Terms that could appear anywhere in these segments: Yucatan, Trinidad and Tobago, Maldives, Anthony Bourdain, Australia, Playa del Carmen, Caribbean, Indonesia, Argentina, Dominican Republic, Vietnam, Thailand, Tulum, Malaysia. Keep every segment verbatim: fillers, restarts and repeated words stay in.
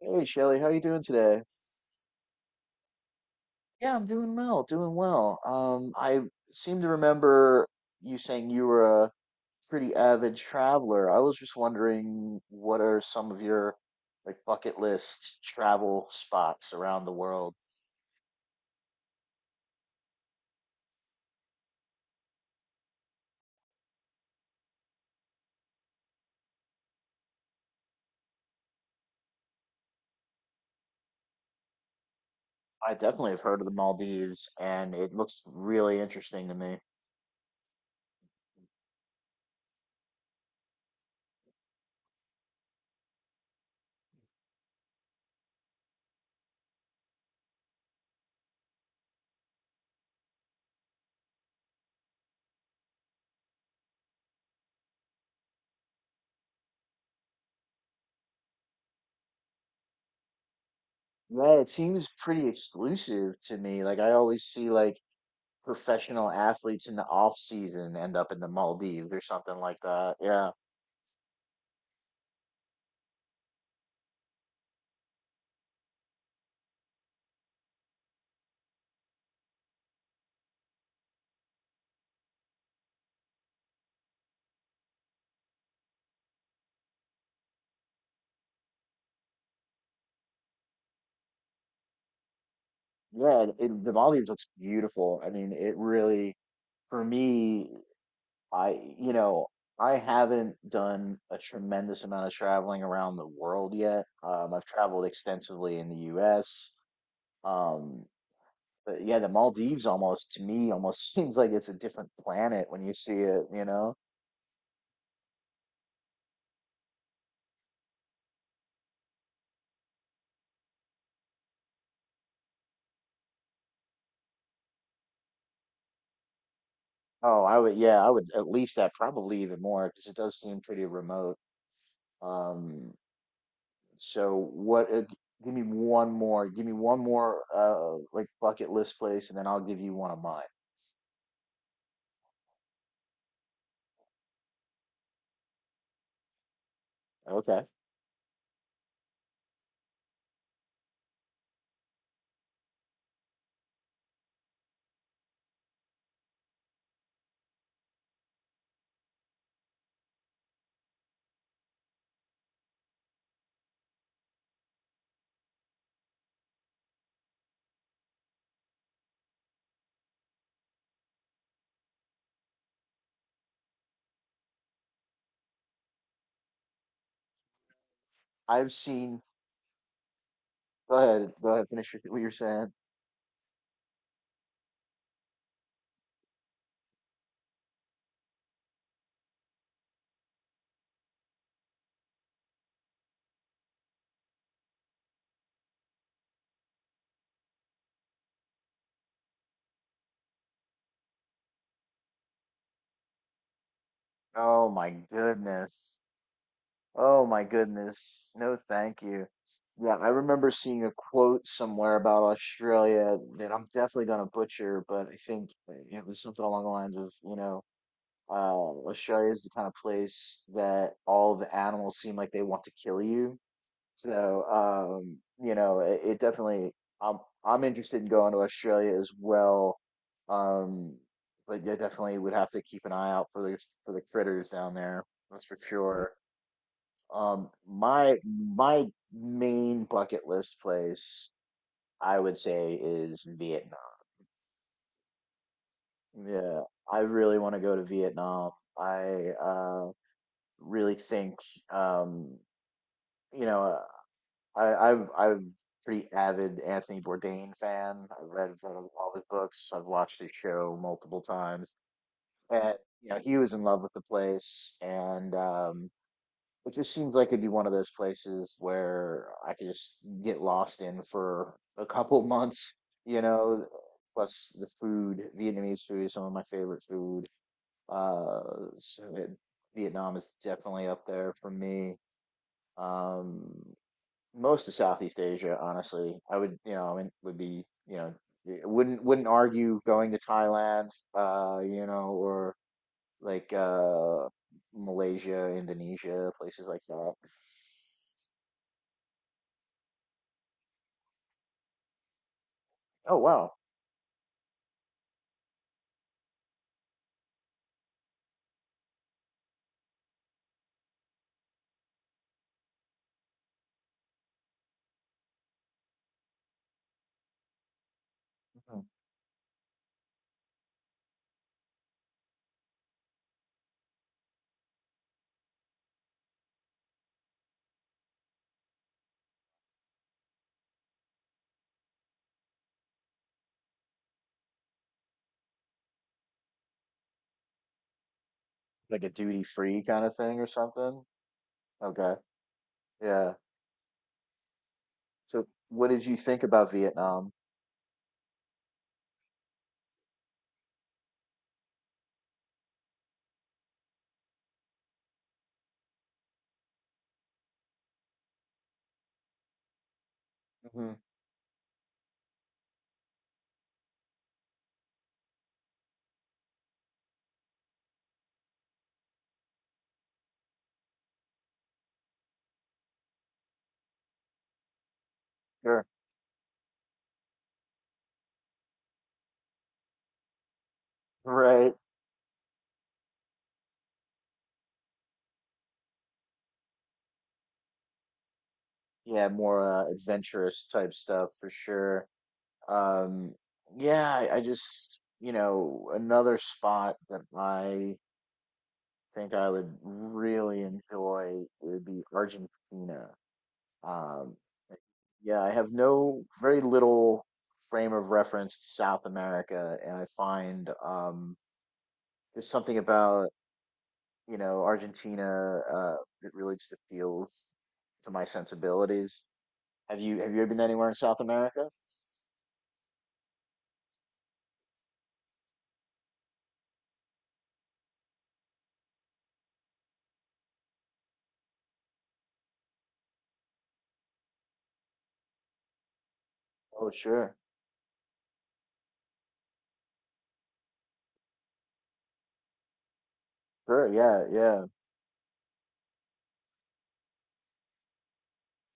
Hey Shelly, how you doing today? Yeah, I'm doing well, doing well. Um, I seem to remember you saying you were a pretty avid traveler. I was just wondering, what are some of your like bucket list travel spots around the world? I definitely have heard of the Maldives, and it looks really interesting to me. Yeah, it seems pretty exclusive to me. Like I always see like professional athletes in the off season end up in the Maldives or something like that. Yeah. Yeah, and it, the Maldives looks beautiful. I mean, it really, for me, I, you know, I haven't done a tremendous amount of traveling around the world yet. Um, I've traveled extensively in the U S. Um, but yeah, the Maldives almost, to me, almost seems like it's a different planet when you see it, you know? Oh, I would, yeah, I would at least that, probably even more, because it does seem pretty remote. Um, So what? Uh, give me one more. Give me one more uh like bucket list place, and then I'll give you one of mine. Okay. I've seen. Go ahead. Go ahead. Finish your, what you're saying. Oh my goodness. Oh my goodness. No, thank you. Yeah, I remember seeing a quote somewhere about Australia that I'm definitely gonna butcher, but I think uh, it was something along the lines of, you know, uh, Australia is the kind of place that all the animals seem like they want to kill you. So, um, you know, it, it definitely, I'm, I'm interested in going to Australia as well. Um, but you definitely would have to keep an eye out for the, for the critters down there. That's for sure. Um, my, my main bucket list place, I would say, is Vietnam. Yeah, I really want to go to Vietnam. I uh, really think, um, you know. I, I've I'm pretty avid Anthony Bourdain fan. I've read sort of all his books. I've watched his show multiple times, and you know he was in love with the place, and um, it just seems like it'd be one of those places where I could just get lost in for a couple months. You know, plus the food, Vietnamese food is some of my favorite food. Uh, so it, Vietnam is definitely up there for me. Um, most of Southeast Asia, honestly. I would, you know, I mean, would be, you know, y- wouldn't wouldn't argue going to Thailand, uh, you know, or like uh Malaysia, Indonesia, places like that. Oh wow. Mhm. Like a duty free kind of thing or something. Okay. Yeah. So what did you think about Vietnam? Hmm. Sure. Right. Yeah, more uh, adventurous type stuff for sure. Um, yeah, I, I just, you know, another spot that I think I would really enjoy would be Argentina. Um, yeah, I have no, very little frame of reference to South America, and I find um, there's something about, you know, Argentina uh, that really just appeals to my sensibilities. Have you have you ever been anywhere in South America? Oh, sure, sure, yeah, yeah.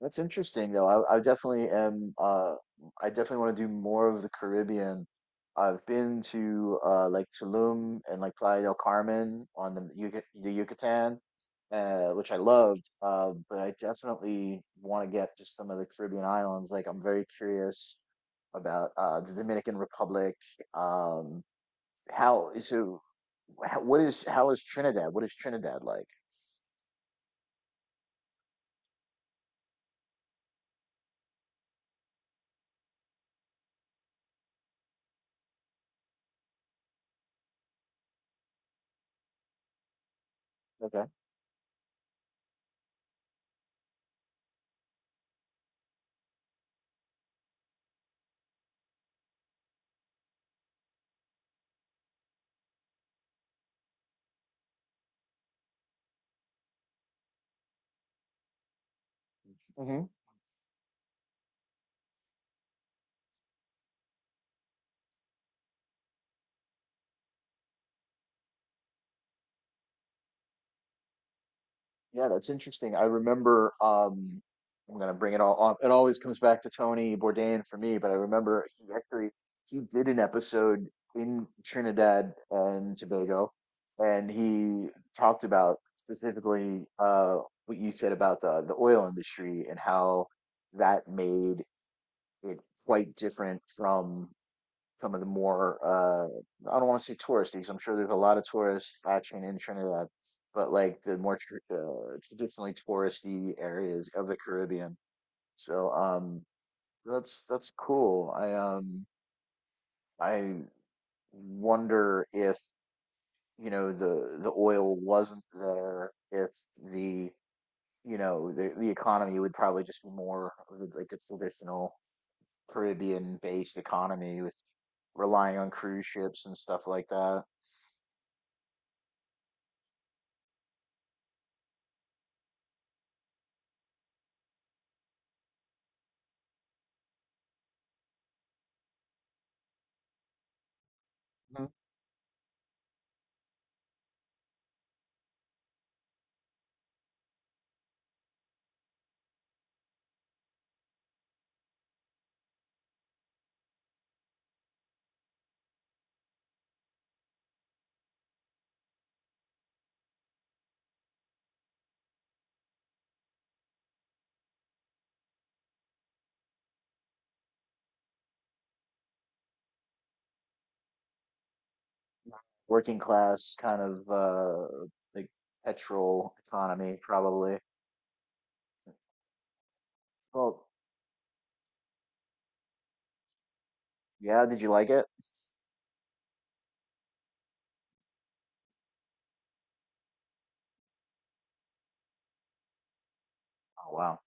That's interesting though. I, I definitely am uh I definitely want to do more of the Caribbean. I've been to uh like Tulum and like Playa del Carmen on the Yuc the Yucatan, uh which I loved. Uh but I definitely want to get to some of the Caribbean islands. Like I'm very curious about uh the Dominican Republic. Um how so how, what is how is Trinidad? What is Trinidad like? Okay. Yeah, that's interesting. I remember, um, I'm gonna bring it all up. It always comes back to Tony Bourdain for me, but I remember he actually he did an episode in Trinidad and Tobago, and he talked about specifically uh what you said about the the oil industry, and how that made it quite different from some of the more uh I don't want to say touristy 'cause I'm sure there's a lot of tourist action in Trinidad, but like the more tr uh, traditionally touristy areas of the Caribbean. So um that's that's cool. I um I wonder if you know the the oil wasn't there, if the you know the the economy would probably just be more of the- like a traditional Caribbean based economy, with relying on cruise ships and stuff like that. Working class kind of uh like petrol economy probably. Well, yeah, did you like it? Oh wow.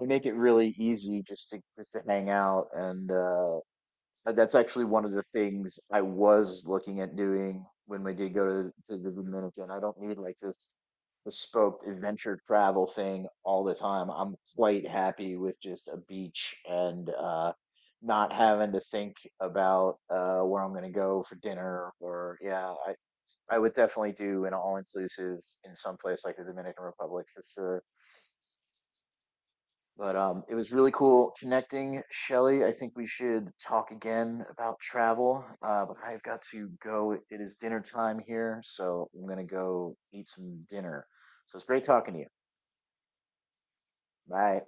They make it really easy just to just to hang out and uh Uh, that's actually one of the things I was looking at doing when we did go to, to the Dominican. I don't need like this bespoke adventure travel thing all the time. I'm quite happy with just a beach and uh, not having to think about uh, where I'm going to go for dinner or yeah, I, I would definitely do an all inclusive in some place like the Dominican Republic for sure. But um, it was really cool connecting, Shelly. I think we should talk again about travel. Uh, but I've got to go. It is dinner time here, so I'm gonna go eat some dinner. So it's great talking to you. Bye.